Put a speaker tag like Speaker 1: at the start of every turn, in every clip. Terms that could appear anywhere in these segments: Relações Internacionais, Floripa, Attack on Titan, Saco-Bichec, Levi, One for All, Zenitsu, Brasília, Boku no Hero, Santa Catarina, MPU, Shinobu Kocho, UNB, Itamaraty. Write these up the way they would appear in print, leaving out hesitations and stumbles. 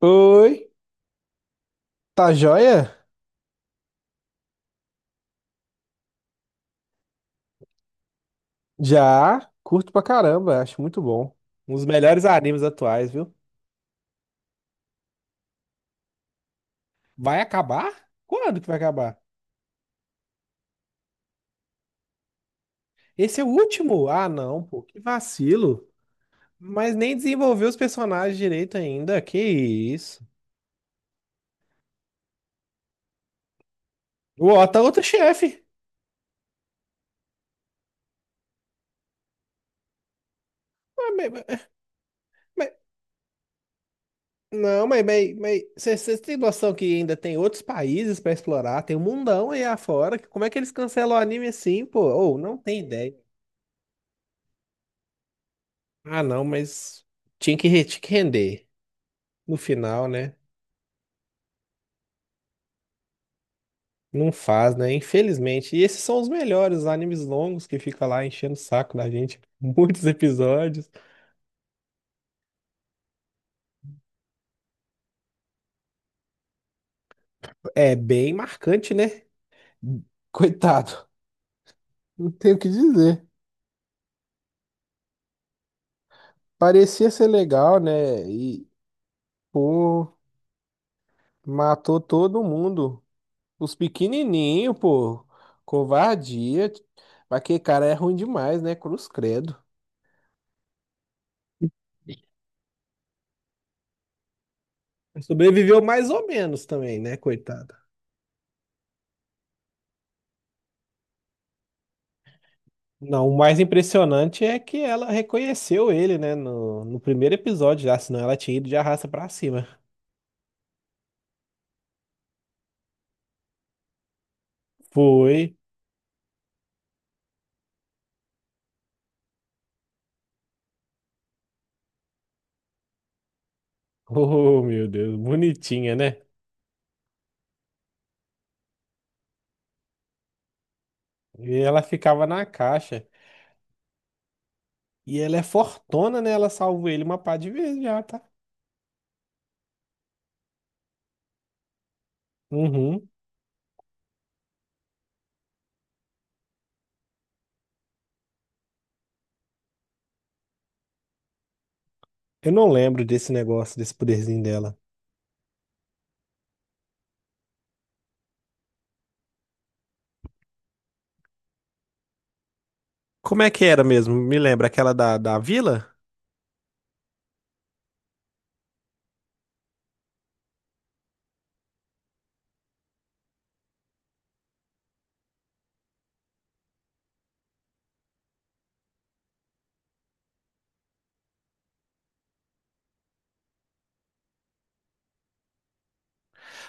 Speaker 1: Oi, tá joia? Já, curto pra caramba, acho muito bom. Um dos melhores animes atuais, viu? Vai acabar? Quando que vai acabar? Esse é o último? Ah, não, pô, que vacilo. Mas nem desenvolveu os personagens direito ainda, que isso. O Ota é outro chefe. Ah, mas- Não, mas vocês têm noção que ainda tem outros países pra explorar? Tem um mundão aí afora. Como é que eles cancelam o anime assim, pô? Ou não tem ideia. Ah, não, mas tinha que, tinha que render. No final, né? Não faz, né? Infelizmente. E esses são os melhores, os animes longos que fica lá enchendo o saco da gente. Muitos episódios. É bem marcante, né? Coitado. Não tenho o que dizer. Parecia ser legal, né? E, pô, matou todo mundo. Os pequenininhos, pô. Covardia. Mas que cara é ruim demais, né? Cruz credo. Sobreviveu mais ou menos também, né? Coitado. Não, o mais impressionante é que ela reconheceu ele, né, no primeiro episódio já, senão ela tinha ido de arrasta pra cima. Foi. Oh, meu Deus, bonitinha, né? E ela ficava na caixa. E ela é fortona, né? Ela salvou ele uma pá de vezes já, tá? Uhum. Eu não lembro desse negócio, desse poderzinho dela. Como é que era mesmo? Me lembra aquela da vila?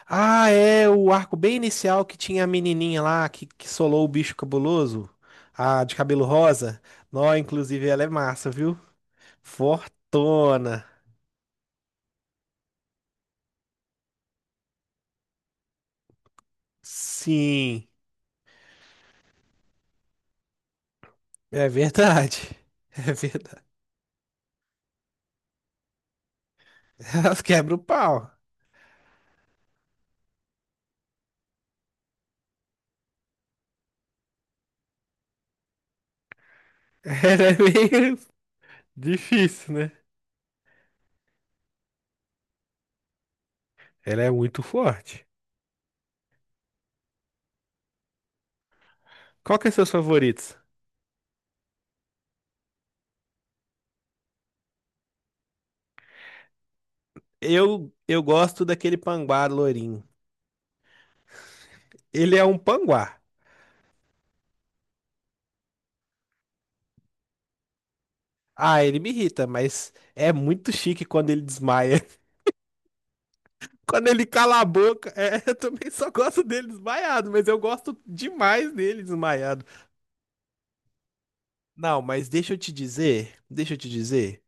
Speaker 1: Ah, é o arco bem inicial que tinha a menininha lá que solou o bicho cabuloso, a de cabelo rosa. Nó, inclusive, ela é massa, viu? Fortona. Sim, é verdade. É verdade. Elas quebram o pau. Ela é meio difícil, né? Ela é muito forte. Qual que é seus favoritos? Eu gosto daquele panguá loirinho. Ele é um panguá. Ah, ele me irrita, mas é muito chique quando ele desmaia. Quando ele cala a boca, é, eu também só gosto dele desmaiado, mas eu gosto demais dele desmaiado. Não, mas deixa eu te dizer,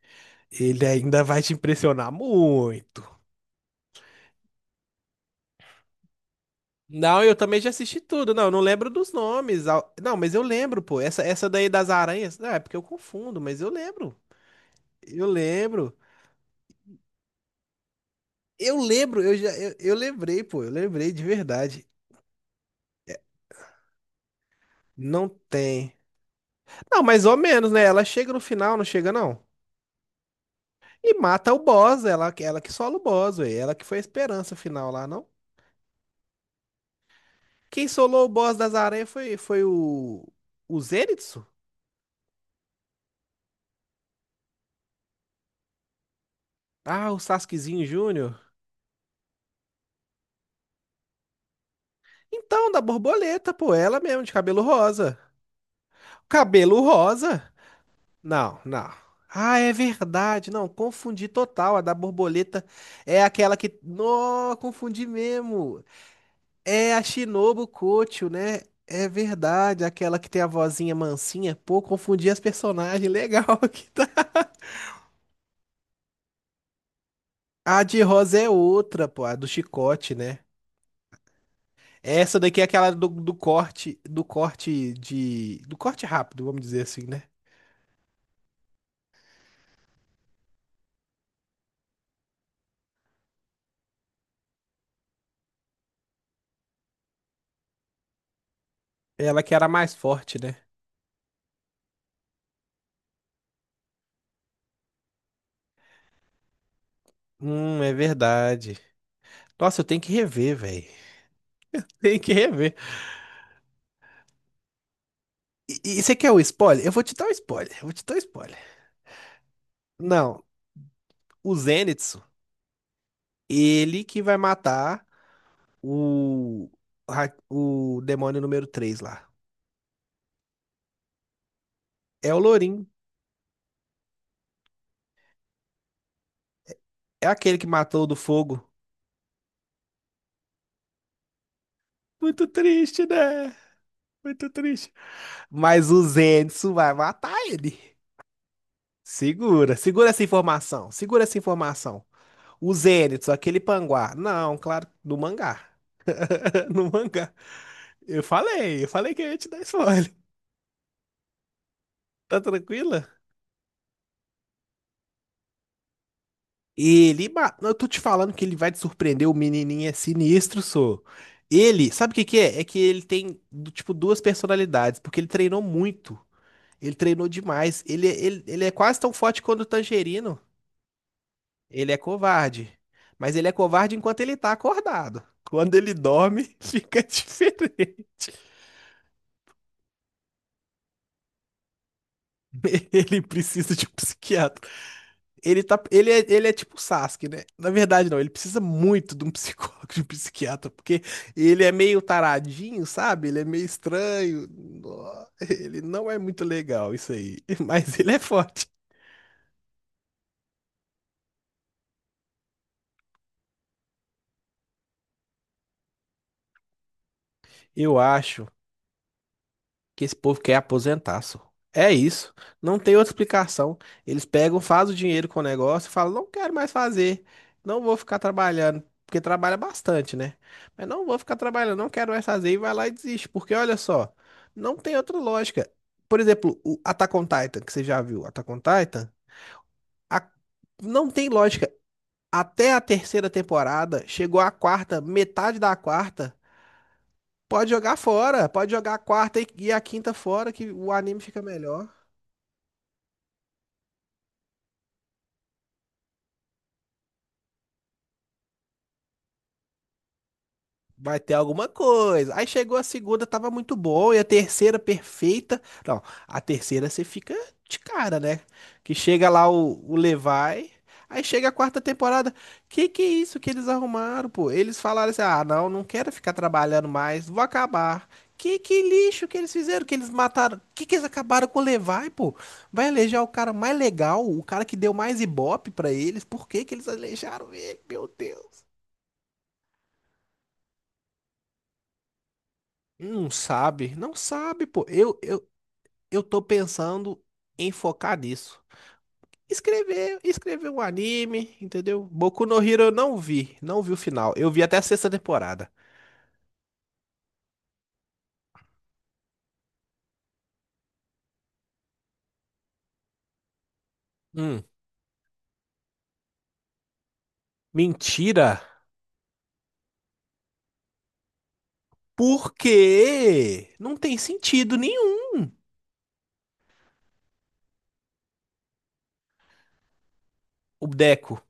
Speaker 1: ele ainda vai te impressionar muito. Não, eu também já assisti tudo, não, eu não lembro dos nomes. Não, mas eu lembro, pô, essa daí das aranhas, não, é porque eu confundo, mas eu lembro, eu lembro, eu lembrei, pô, eu lembrei de verdade. Não tem. Não, mais ou menos, né? Ela chega no final, não chega, não? E mata o boss, ela que sola o boss, velho. Ela que foi a esperança final lá, não? Quem solou o boss das aranhas foi, o Zenitsu? Ah, o Sasukezinho Júnior. Então, da borboleta, pô, ela mesmo, de cabelo rosa. Cabelo rosa? Não, não. Ah, é verdade. Não, confundi total. A da borboleta é aquela que. Não confundi mesmo. É a Shinobu Kocho, né? É verdade, aquela que tem a vozinha mansinha. Pô, confundi as personagens. Legal que tá. A de rosa é outra, pô, a do chicote, né? Essa daqui é aquela do corte rápido, vamos dizer assim, né? Ela que era a mais forte, né? É verdade. Nossa, eu tenho que rever, velho. Tem que rever. E você quer o spoiler? Eu vou te dar um spoiler. Eu vou te dar um spoiler. Não, o Zenitsu, ele que vai matar. o, ra- o demônio número 3 lá. É o Lourinho. É aquele que matou o do fogo. Muito triste, né? Muito triste. Mas o Zenitsu vai matar ele. Segura, segura essa informação. Segura essa informação. O Zenitsu, aquele panguá. Não, claro, no mangá. No mangá. Eu falei que eu ia te dar spoiler. Tá tranquila? Eu tô te falando que ele vai te surpreender, o menininho é sinistro, sou. Ele, sabe o que que é? É que ele tem, tipo, duas personalidades, porque ele treinou muito. Ele treinou demais. Ele é quase tão forte quanto o Tangerino. Ele é covarde. Mas ele é covarde enquanto ele tá acordado. Quando ele dorme, fica diferente. Ele precisa de um psiquiatra. Ele é tipo o Sasuke, né? Na verdade, não, ele precisa muito de um psicólogo, de um psiquiatra, porque ele é meio taradinho, sabe? Ele é meio estranho. Nó, ele não é muito legal, isso aí. Mas ele é forte. Eu acho que esse povo quer aposentar, só. É isso. Não tem outra explicação. Eles pegam, fazem o dinheiro com o negócio e falam, não quero mais fazer. Não vou ficar trabalhando. Porque trabalha bastante, né? Mas não vou ficar trabalhando, não quero mais fazer. E vai lá e desiste. Porque olha só, não tem outra lógica. Por exemplo, o Attack on Titan, que você já viu, Attack on Titan, a- não tem lógica. Até a terceira temporada, chegou a quarta, metade da quarta. Pode jogar fora, pode jogar a quarta e a quinta fora, que o anime fica melhor. Vai ter alguma coisa. Aí chegou a segunda, tava muito bom, e a terceira perfeita. Não, a terceira você fica de cara, né? Que chega lá o Levi. Aí chega a quarta temporada. Que é isso que eles arrumaram, pô? Eles falaram assim: "Ah, não, não quero ficar trabalhando mais, vou acabar". Que lixo que eles fizeram, que eles mataram. Que eles acabaram com o Levi, pô? Vai alejar o cara mais legal, o cara que deu mais ibope pra eles. Por que que eles aleijaram ele? Meu Deus. Não sabe, não sabe, pô. Eu tô pensando em focar nisso. Escrever um anime, entendeu? Boku no Hero eu não vi, não vi o final. Eu vi até a sexta temporada. Hum, mentira. Porque não tem sentido nenhum o Deco.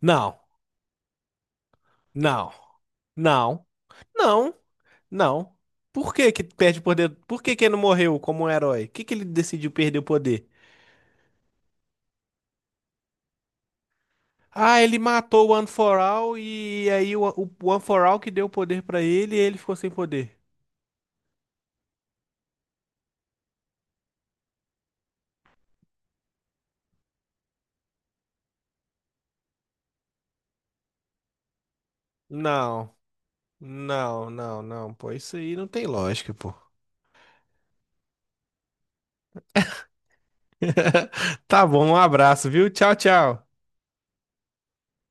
Speaker 1: Não, não, não, não, não. Por que que perde o poder? Por que que ele não morreu como um herói? O que que ele decidiu perder o poder? Ah, ele matou o One for All e aí o One for All que deu o poder pra ele e ele ficou sem poder. Não, não, não, não. Pô, isso aí não tem lógica, pô. Tá bom, um abraço, viu? Tchau, tchau.